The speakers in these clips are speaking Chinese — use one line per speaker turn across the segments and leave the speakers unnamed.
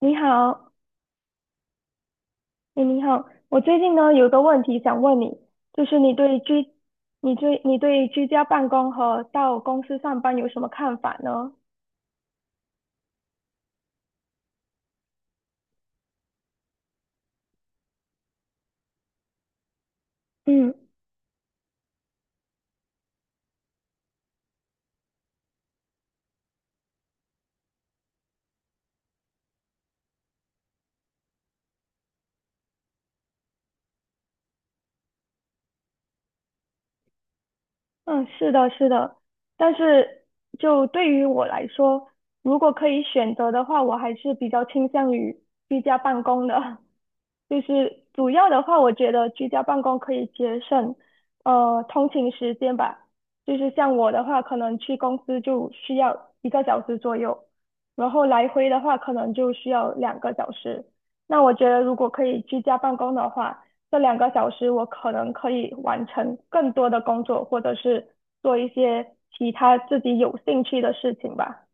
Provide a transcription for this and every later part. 你好。哎，你好，我最近呢有个问题想问你，就是你对居，你对居家办公和到公司上班有什么看法呢？嗯。嗯，是的，是的，但是就对于我来说，如果可以选择的话，我还是比较倾向于居家办公的。就是主要的话，我觉得居家办公可以节省，通勤时间吧。就是像我的话，可能去公司就需要1个小时左右，然后来回的话可能就需要两个小时。那我觉得如果可以居家办公的话，这2个小时我可能可以完成更多的工作，或者是做一些其他自己有兴趣的事情吧。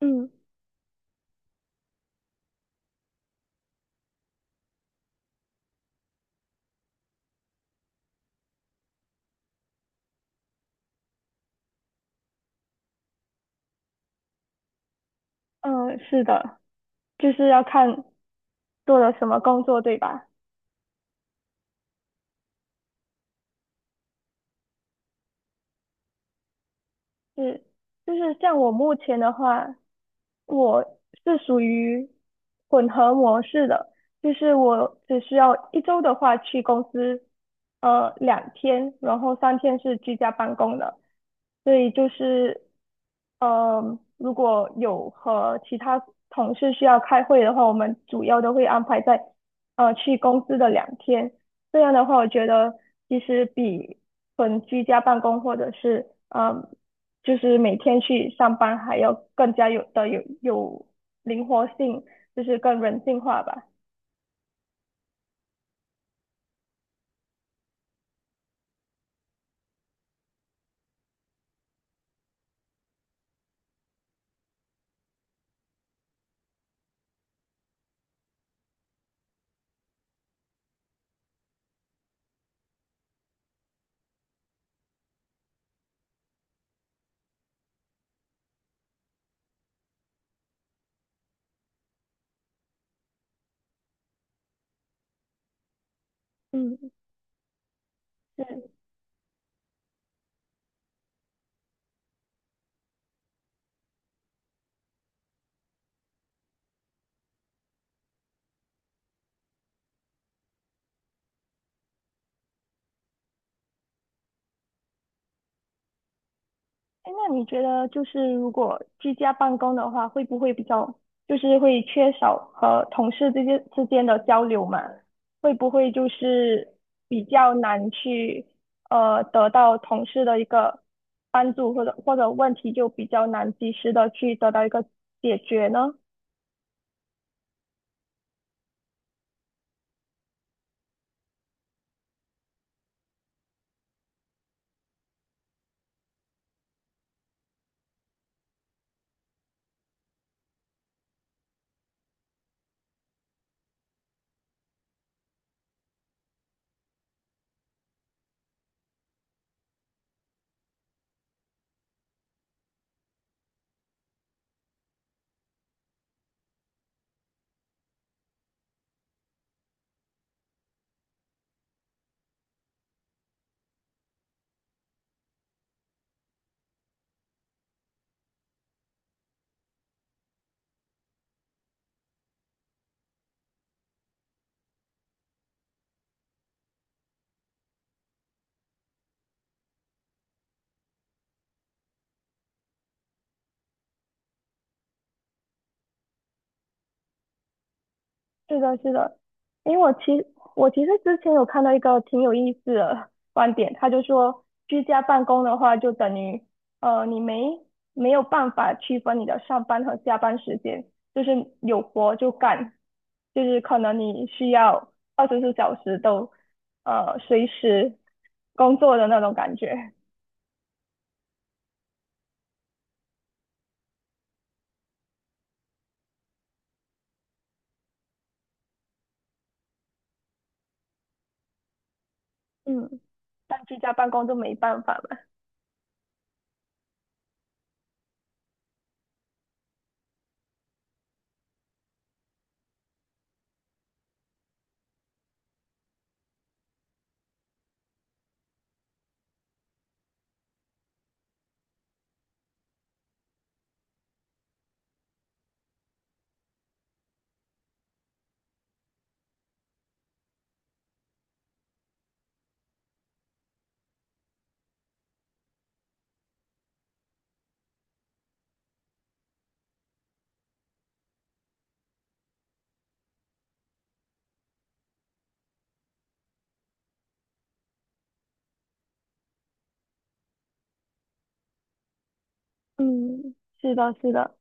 嗯。嗯，是的，就是要看做了什么工作，对吧？是。就是像我目前的话，我是属于混合模式的，就是我只需要1周的话去公司，两天，然后3天是居家办公的，所以就是，呃，如果有和其他同事需要开会的话，我们主要都会安排在，去公司的两天。这样的话，我觉得其实比纯居家办公或者是就是每天去上班还要更加有的有有灵活性，就是更人性化吧。嗯，是。哎，那你觉得就是如果居家办公的话，会不会比较就是会缺少和同事之间的交流嘛？会不会就是比较难去得到同事的一个帮助，或者问题就比较难及时的去得到一个解决呢？是的，是的，因为我其实之前有看到一个挺有意思的观点，他就说居家办公的话，就等于你没有办法区分你的上班和下班时间，就是有活就干，就是可能你需要24小时都随时工作的那种感觉。嗯，但居家办公就没办法了。嗯，是的，是的。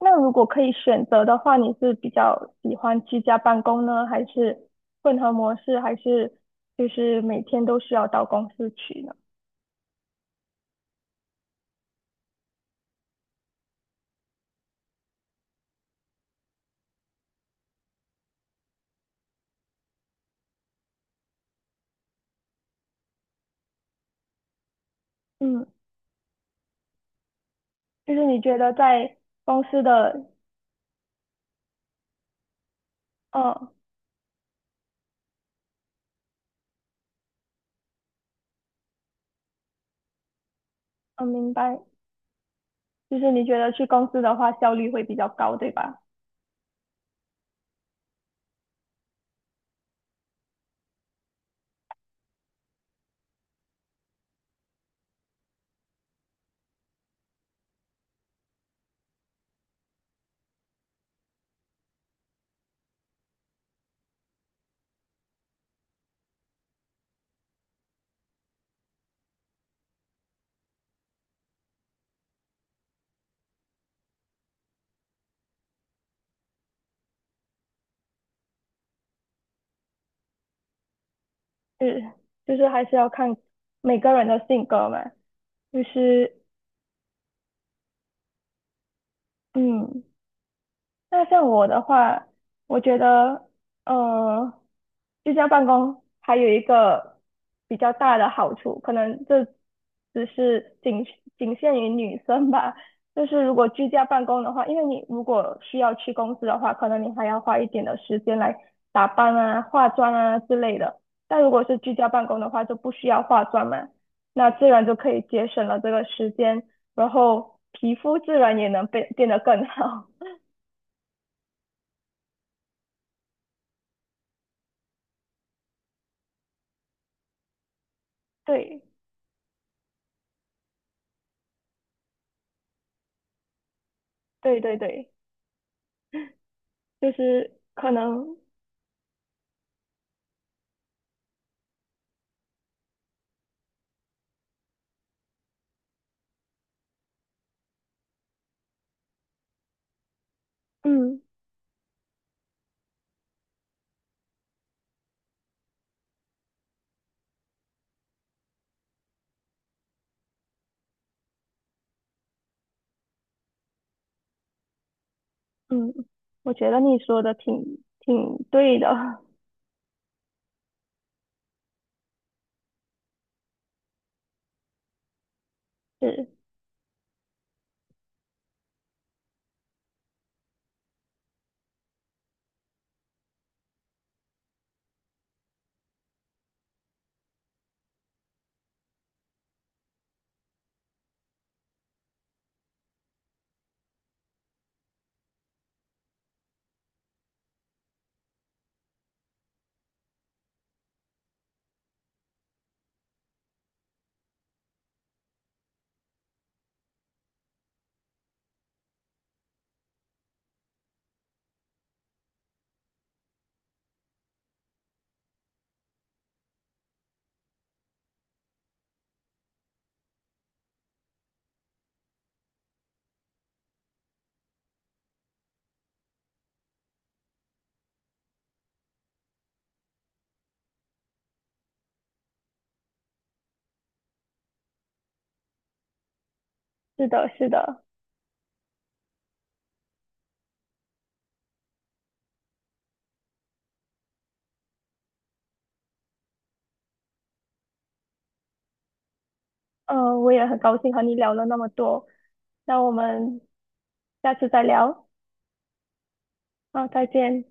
那如果可以选择的话，你是比较喜欢居家办公呢，还是混合模式，还是就是每天都需要到公司去呢？嗯，就是你觉得在公司的。嗯。嗯，明白，就是你觉得去公司的话效率会比较高，对吧？是，就是还是要看每个人的性格嘛，就是嗯。那像我的话，我觉得，呃，居家办公还有一个比较大的好处，可能这只是仅仅限于女生吧。就是如果居家办公的话，因为你如果需要去公司的话，可能你还要花一点的时间来打扮啊、化妆啊之类的。但如果是居家办公的话，就不需要化妆嘛，那自然就可以节省了这个时间，然后皮肤自然也能变得更好。对。对对对，就是可能，嗯。嗯，我觉得你说的挺对的。是。是的是的，呃，我也很高兴和你聊了那么多，那我们下次再聊，好，再见。